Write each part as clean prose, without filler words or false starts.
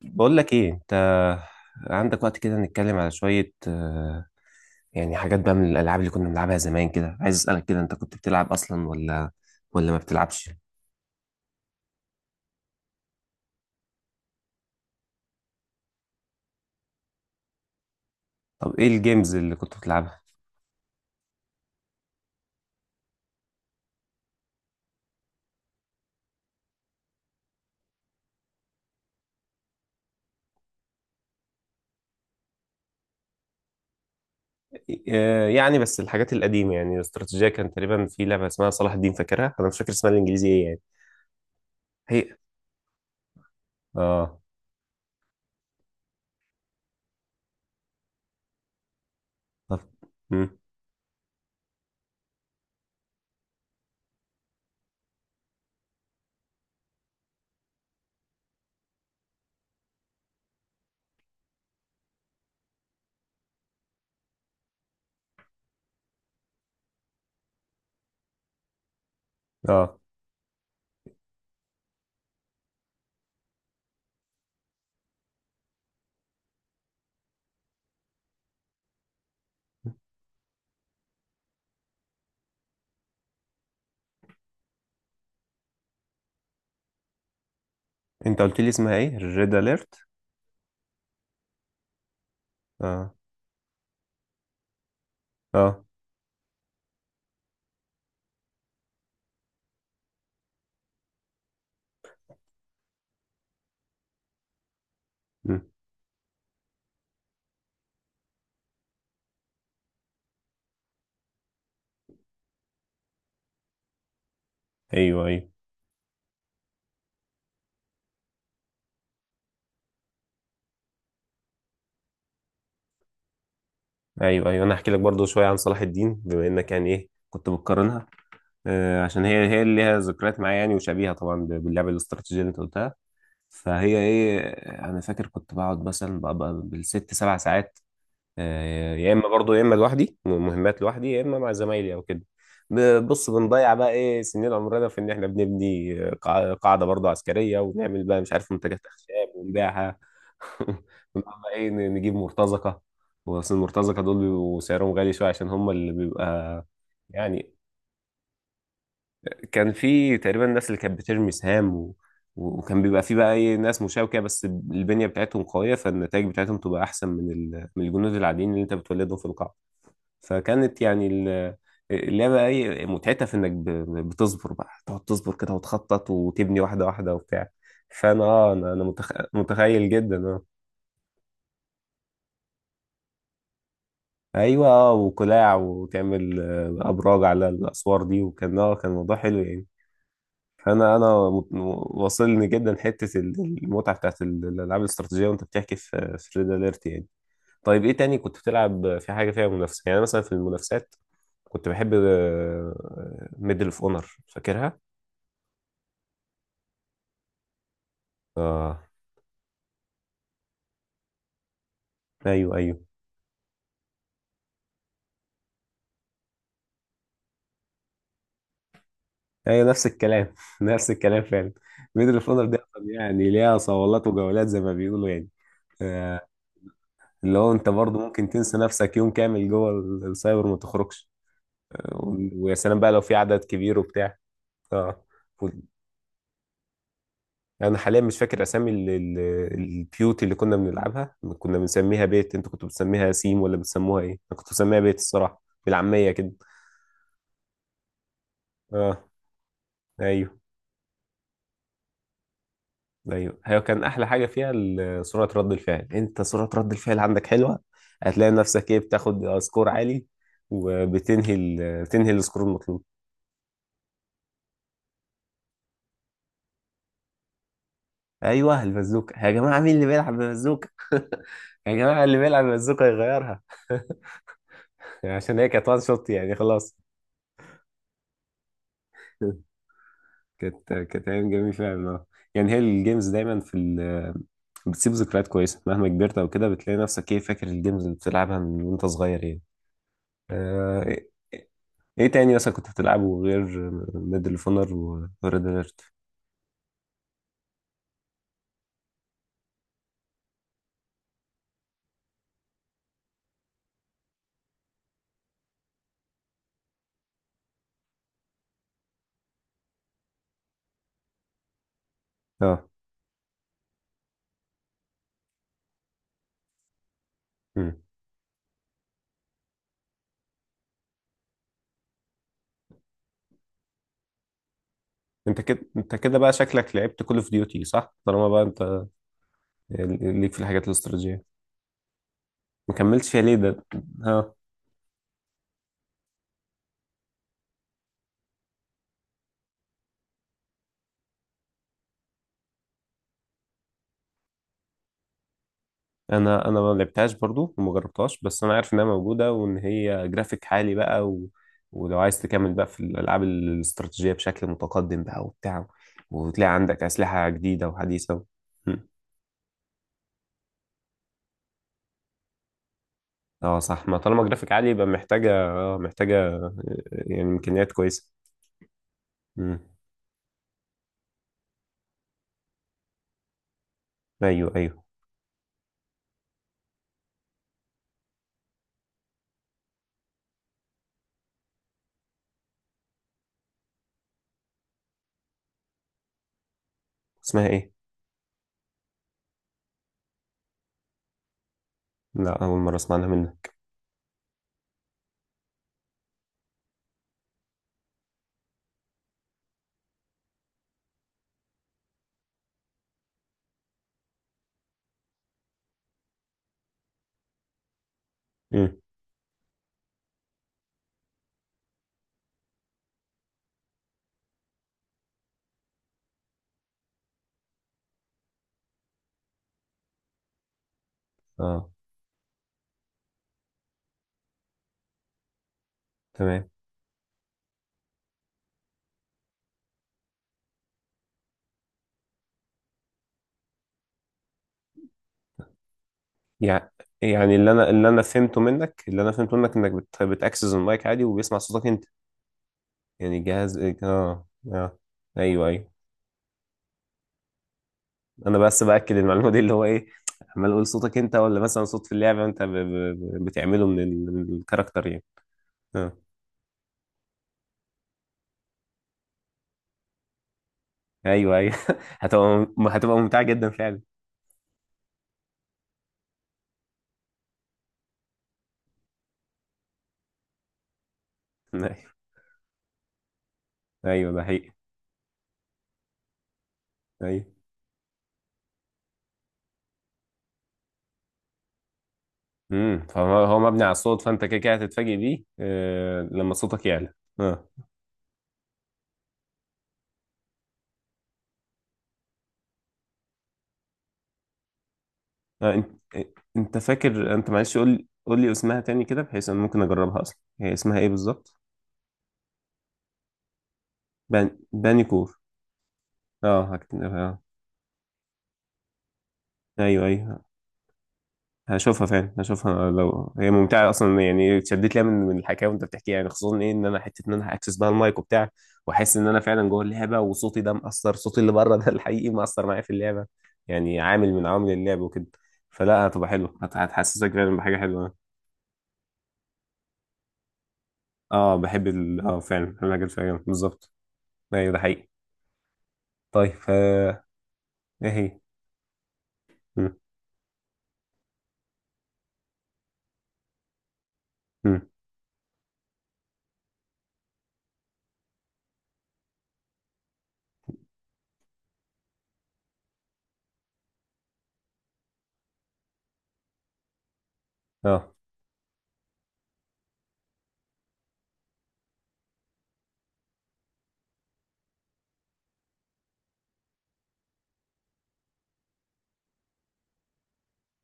بقول لك ايه، انت عندك وقت كده نتكلم على شوية يعني حاجات بقى من الالعاب اللي كنا بنلعبها زمان كده؟ عايز اسألك كده، انت كنت بتلعب اصلا ولا ما بتلعبش؟ طب ايه الجيمز اللي كنت بتلعبها؟ يعني بس الحاجات القديمة، يعني الاستراتيجية كان تقريبا في لعبة اسمها صلاح الدين فاكرها. انا مش فاكر اسمها الانجليزي ايه يعني. هي. اه. طب. مم. اه، انت قلت لي اسمها ايه؟ ريد اليرت؟ اه. اه. مم. ايوه. ايوه. ايوه، ايوه، انا هحكي لك برضو شويه عن صلاح الدين، بما انك يعني ايه كنت بتقارنها. عشان هي هي اللي ليها ذكريات معايا يعني، وشبيهه طبعا باللعبه الاستراتيجيه اللي انت قلتها. فهي ايه. انا فاكر كنت بقعد مثلا بقى بالست سبع ساعات. يا اما برضو يا اما لوحدي مهمات لوحدي، يا اما مع زمايلي او كده. بص، بنضيع بقى ايه سنين عمرنا في ان احنا بنبني قاعده برضو عسكريه، ونعمل بقى مش عارف منتجات اخشاب ونبيعها. ونقعد بقى ايه نجيب مرتزقه. واصل المرتزقه دول بيبقوا سعرهم غالي شويه، عشان هم اللي بيبقى. يعني كان في تقريبا ناس اللي كانت بترمي سهام، و... وكان بيبقى في بقى ايه ناس مشاوكة، بس البنية بتاعتهم قوية، فالنتائج بتاعتهم تبقى أحسن من من الجنود العاديين اللي أنت بتولدهم في القاعة. فكانت يعني اللعبة ايه متعتها في إنك بتصبر بقى تقعد تصبر كده وتخطط وتبني واحدة واحدة وبتاع. فأنا أنا متخيل جدا. اه. أيوه، اه، وقلاع وتعمل أبراج على الأسوار دي، وكان كان موضوع حلو يعني. انا واصلني جدا حته المتعه بتاعت الالعاب الاستراتيجيه، وانت بتحكي في ريد اليرت يعني. طيب، ايه تاني كنت بتلعب في حاجه فيها منافسه؟ يعني أنا مثلا في المنافسات كنت بحب. ميدل اوف اونر، فاكرها؟ اه، ايوه، ايوه. ايوه، نفس الكلام، نفس الكلام فعلا. ميدل اوف اونر دي أصلاً يعني ليها صولات وجولات، زي ما بيقولوا يعني. آه، اللي هو انت برضه ممكن تنسى نفسك يوم كامل جوه السايبر، ما تخرجش. آه، ويا سلام بقى لو في عدد كبير وبتاع. اه. يعني انا حاليا مش فاكر اسامي البيوت اللي كنا بنلعبها كنا بنسميها بيت، انتوا كنتوا بتسميها سيم ولا بتسموها ايه؟ انا كنت بسميها بيت الصراحه بالعاميه كده. اه، ايوه، ايوه. هي كان احلى حاجه فيها سرعه رد الفعل. انت سرعه رد الفعل عندك حلوه. هتلاقي نفسك ايه بتاخد سكور عالي، وبتنهي بتنهي السكور المطلوب. ايوه، البازوكه يا جماعه، مين اللي بيلعب ببازوكه؟ يا جماعه، اللي بيلعب ببازوكه يغيرها! عشان هي كانت وان شوت يعني، خلاص. كانت ايام جميله فعلا. اه. يعني هي الجيمز دايما في بتسيب ذكريات كويسه، مهما كبرت او كده بتلاقي نفسك ايه فاكر الجيمز اللي بتلعبها من وانت صغير يعني. ايه. إيه تاني مثلا كنت بتلعبه غير ميدل اوف وريد اليرت؟ اه. مم. انت كده، انت كده بقى شكلك لعبت كول اوف ديوتي، صح؟ طالما بقى انت ليك في الحاجات الاستراتيجيه. ما كملتش فيها ليه ده؟ اه. انا ما لعبتهاش برضو وما جربتهاش، بس انا عارف انها موجوده وان هي جرافيك عالي بقى ولو عايز تكمل بقى في الالعاب الاستراتيجيه بشكل متقدم بقى وبتاع، وتلاقي عندك اسلحه جديده وحديثه. م. اه صح، ما طالما جرافيك عالي يبقى محتاجه محتاجه يعني امكانيات كويسه. م. ايوه، ايوه، اسمها ايه؟ لا، اول مره اسمع عنها منك. م. اه. تمام. يع- يعني اللي انا فهمته منك انك بتاكسس المايك عادي وبيسمع صوتك انت. يعني جهاز إيه، اه. اه. ايوه، ايوه، انا بس باكد المعلومه دي اللي هو ايه. عمال اقول صوتك انت، ولا مثلا صوت في اللعبه انت بتعمله من، من الكاركتر يعني. اه، ايوه، ايوه. هتبقى ممتعه جدا فعلا. ايوه، ايوه، ده حقيقي. ايوه. فهو هو مبني على الصوت، فانت كده كده هتتفاجئ بيه لما صوتك يعلى. اه. آه انت... انت فاكر؟ انت معلش قول لي اسمها تاني كده، بحيث انا ممكن اجربها. اصلا هي اسمها ايه بالظبط؟ بانيكور. اه، ايوه، ايوه. هشوفها فعلا هشوفها. لو هي ممتعه اصلا يعني، اتشدت ليها من الحكايه وانت بتحكيها يعني، خصوصا ايه ان انا حته، ان انا هاكسس بقى المايك وبتاع. واحس ان انا فعلا جوه اللعبه، وصوتي ده مأثر. صوتي اللي بره ده الحقيقي مأثر معايا في اللعبه. يعني عامل من عوامل اللعب وكده. فلا، هتبقى حلوه هتحسسك فعلا بحاجه حلوه. اه، بحب فعلا بحب الحاجات، فعلا بالظبط. ايوه، ده حقيقي. طيب، ايه هي؟ مم. مم. اه.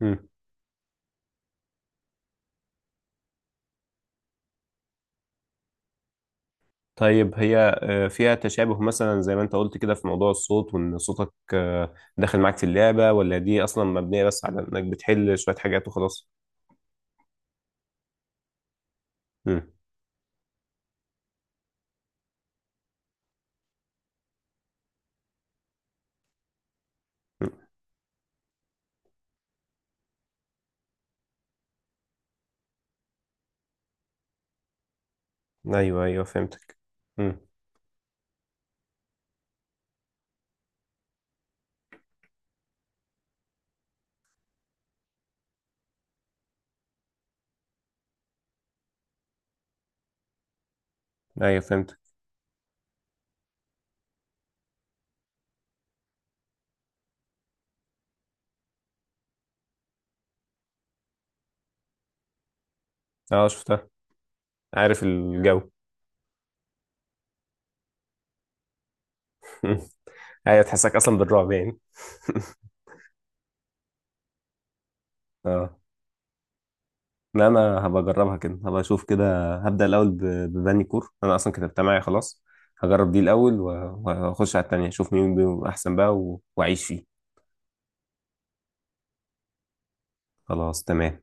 مم. طيب، هي فيها تشابه مثلا زي ما انت قلت كده، في موضوع الصوت وان صوتك داخل معاك في اللعبة؟ ولا دي اصلا مبنية بس على انك بتحل شوية حاجات وخلاص؟ مم. مم. ايوه، ايوه، فهمتك. مم. ايوه، فهمتك. اه، شفتها. عارف الجو. مم. ايوه، تحسك اصلا بالرعب يعني. اه، لا، انا هبقى اجربها كده، هبقى اشوف كده، هبدأ الاول ببني كور، انا اصلا كتبتها معايا خلاص. هجرب دي الاول واخش على التانية، اشوف مين بيهم احسن بقى واعيش فيه. خلاص، تمام.